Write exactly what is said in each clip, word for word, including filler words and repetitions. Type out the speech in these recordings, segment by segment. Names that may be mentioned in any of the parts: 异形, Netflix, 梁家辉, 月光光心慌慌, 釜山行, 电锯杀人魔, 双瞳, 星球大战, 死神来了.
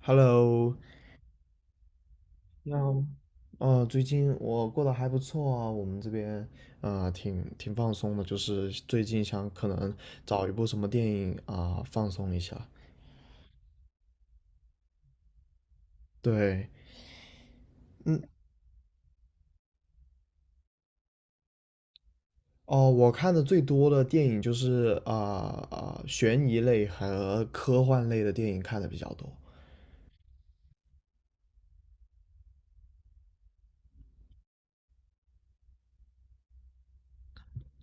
Hello，然后，哦，最近我过得还不错啊，我们这边啊、呃挺挺放松的，就是最近想可能找一部什么电影啊、放松一下。对，嗯，哦，我看的最多的电影就是啊啊、悬疑类和科幻类的电影看的比较多。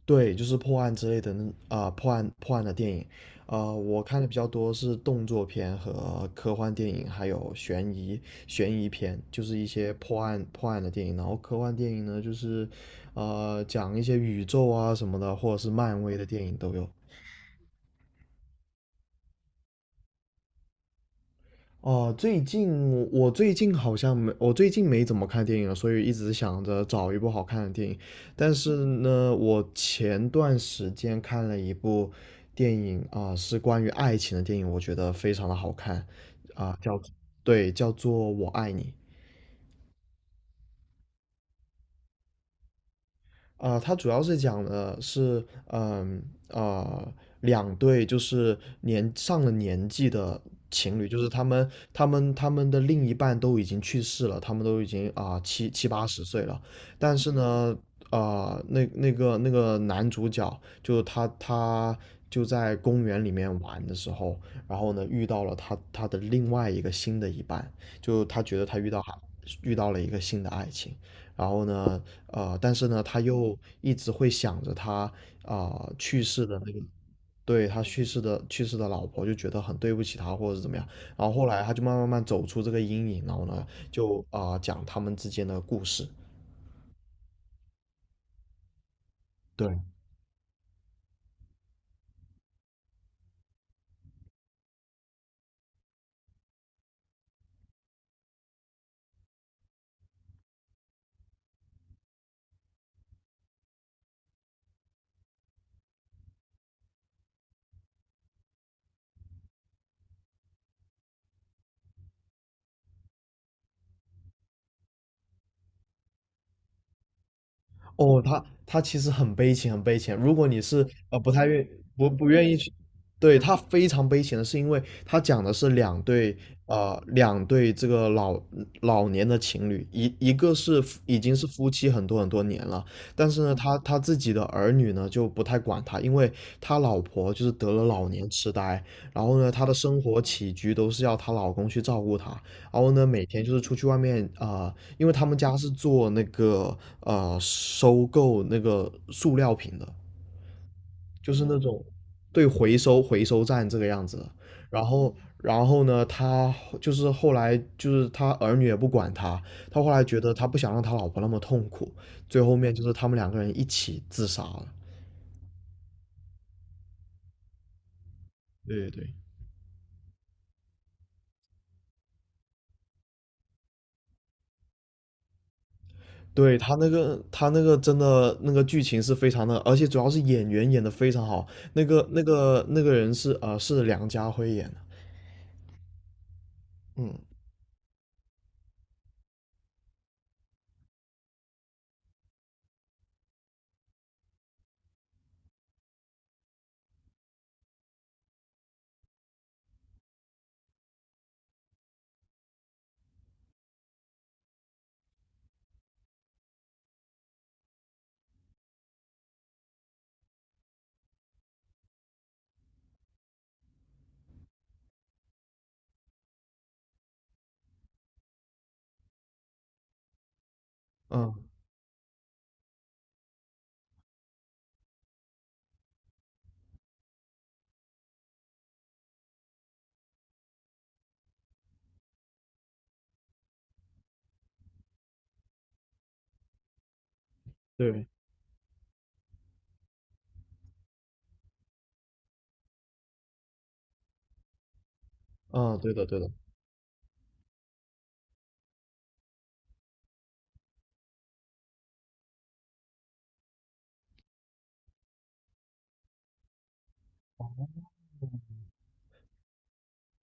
对，就是破案之类的那啊、破案破案的电影，啊、我看的比较多是动作片和科幻电影，还有悬疑悬疑片，就是一些破案破案的电影。然后科幻电影呢，就是呃讲一些宇宙啊什么的，或者是漫威的电影都有。哦，最近我最近好像没，我最近没怎么看电影了，所以一直想着找一部好看的电影。但是呢，我前段时间看了一部电影啊、是关于爱情的电影，我觉得非常的好看啊、叫，对，叫做《我爱你》。啊、它主要是讲的是，嗯啊、两对就是年上了年纪的情侣，就是他们他们他们的另一半都已经去世了，他们都已经啊、七七八十岁了，但是呢，啊、那那个那个男主角就他他就在公园里面玩的时候，然后呢遇到了他他的另外一个新的一半，就他觉得他遇到遇到了一个新的爱情。然后呢，呃，但是呢，他又一直会想着他啊、呃去世的那个，对，他去世的去世的老婆，就觉得很对不起他或者是怎么样。然后后来他就慢慢慢走出这个阴影，然后呢，就啊、呃讲他们之间的故事。对，哦，他他其实很悲情，很悲情。如果你是呃不太愿不不愿意去，对，他非常悲情的是因为他讲的是两对呃两对这个老老年的情侣，一一个是夫已经是夫妻很多很多年了，但是呢，他他自己的儿女呢就不太管他，因为他老婆就是得了老年痴呆，然后呢，他的生活起居都是要她老公去照顾她，然后呢，每天就是出去外面啊、呃因为他们家是做那个呃收购那个塑料瓶的，就是那种，对，回收回收站这个样子的。然后，然后呢，他就是后来就是他儿女也不管他，他后来觉得他不想让他老婆那么痛苦，最后面就是他们两个人一起自杀了。对对对，他那个，他那个真的那个剧情是非常的，而且主要是演员演的非常好。那个那个那个人是呃是梁家辉演的。嗯嗯，对，嗯，对的对的，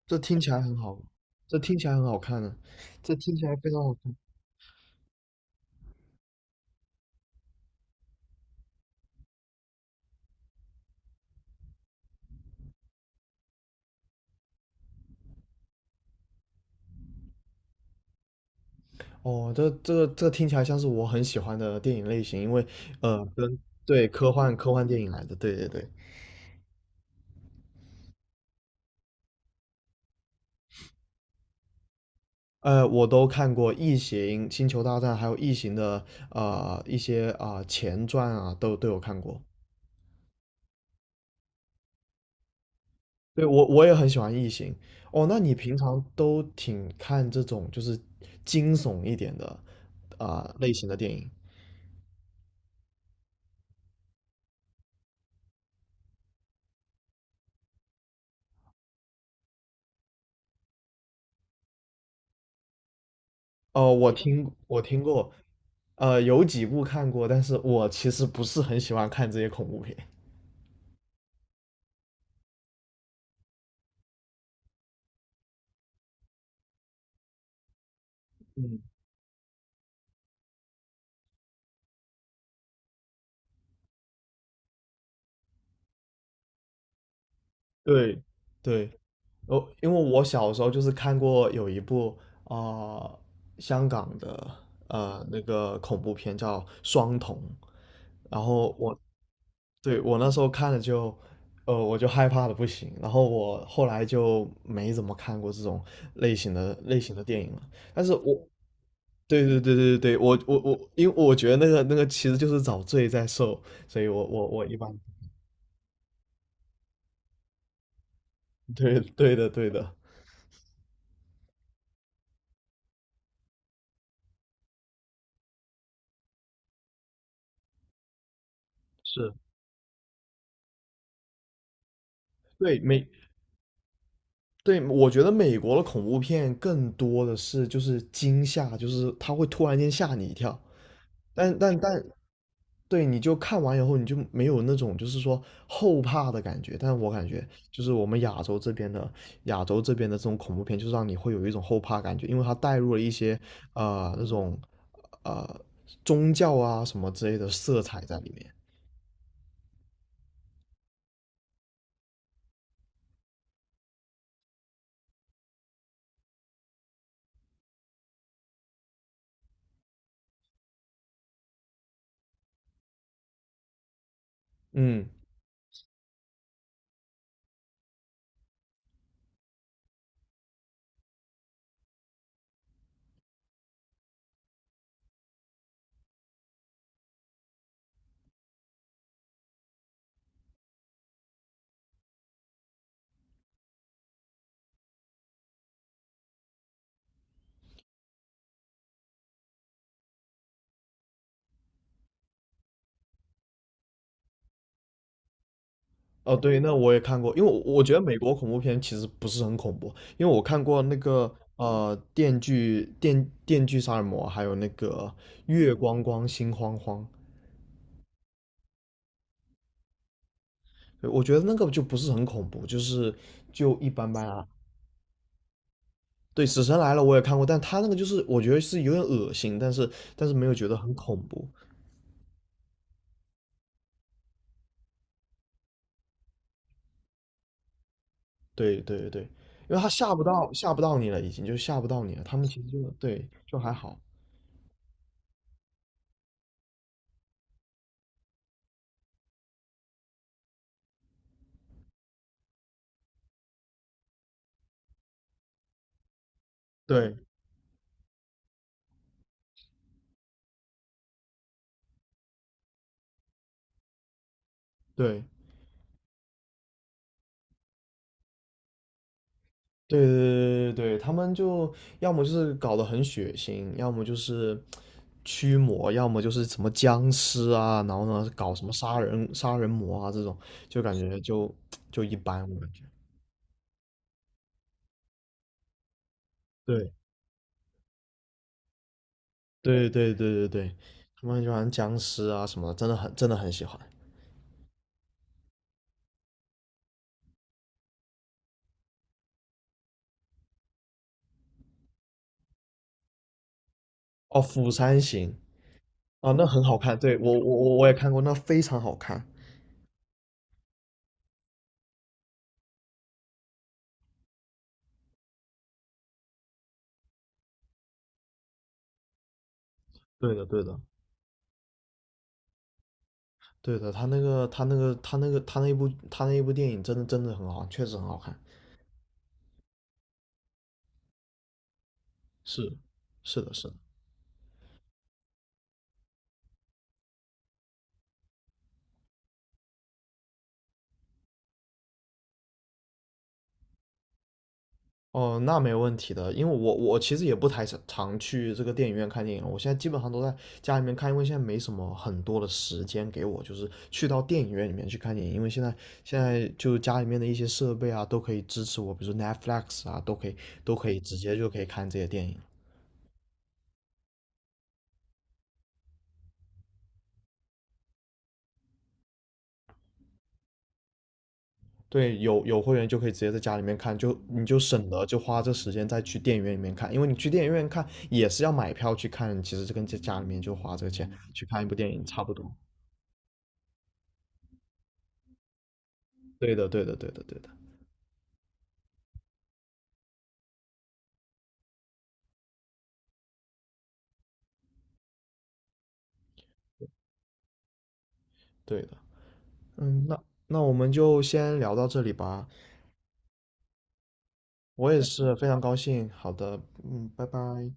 这听起来很好，这听起来很好看呢、这听起来非常好看。哦，这这个这听起来像是我很喜欢的电影类型，因为呃，跟对，科幻科幻电影来的，对对对，呃，我都看过《异形》《星球大战》，还有《异形》的呃一些啊、呃前传啊，都都有看过。对，我我也很喜欢《异形》。哦，那你平常都挺看这种就是惊悚一点的啊、呃类型的电影？哦，我听我听过。呃，有几部看过，但是我其实不是很喜欢看这些恐怖片。对，对，我因为我小时候就是看过有一部啊呃香港的呃那个恐怖片叫《双瞳》，然后我对我那时候看了就呃我就害怕的不行，然后我后来就没怎么看过这种类型的类型的电影了。但是我对对对对对，我我我，因为我觉得那个那个其实就是找罪在受，所以我我我一般，对对的对的，是，对，每对，我觉得美国的恐怖片更多的是就是惊吓，就是它会突然间吓你一跳，但但但，对，你就看完以后你就没有那种就是说后怕的感觉。但我感觉就是我们亚洲这边的亚洲这边的这种恐怖片，就是让你会有一种后怕感觉，因为它带入了一些呃那种呃宗教啊什么之类的色彩在里面。嗯，哦，对，那我也看过，因为我我觉得美国恐怖片其实不是很恐怖，因为我看过那个呃《电锯电电锯杀人魔》，还有那个《月光光心慌慌》，对，我觉得那个就不是很恐怖，就是就一般般啊。对，《死神来了》我也看过，但他那个就是我觉得是有点恶心，但是但是没有觉得很恐怖。对对对，因为他吓不到吓不到你了，已经就吓不到你了，他们其实就，对，就还好。对对。对对对对对，他们就要么就是搞得很血腥，要么就是驱魔，要么就是什么僵尸啊，然后呢搞什么杀人杀人魔啊这种，就感觉就就一般，我感觉。对对对对对对，他们很喜欢僵尸啊什么的，真的很真的很喜欢。哦，《釜山行》啊，那很好看，对，我我我我也看过，那非常好看。对的对的对的，他那个他那个他那个他那一部他那一部电影真的真的很好看确实很好看。是，是的，是的。哦，那没问题的，因为我我其实也不太常去这个电影院看电影了。我现在基本上都在家里面看，因为现在没什么很多的时间给我，就是去到电影院里面去看电影，因为现在现在就家里面的一些设备啊都可以支持我，比如说 Netflix 啊都可以都可以直接就可以看这些电影。对，有有会员就可以直接在家里面看，就你就省得就花这时间再去电影院里面看，因为你去电影院看也是要买票去看，其实这跟在家里面就花这个钱去看一部电影差不多。对的，对的，对的，对的，对的。嗯，那那我们就先聊到这里吧。我也是非常高兴。好的，嗯，拜拜。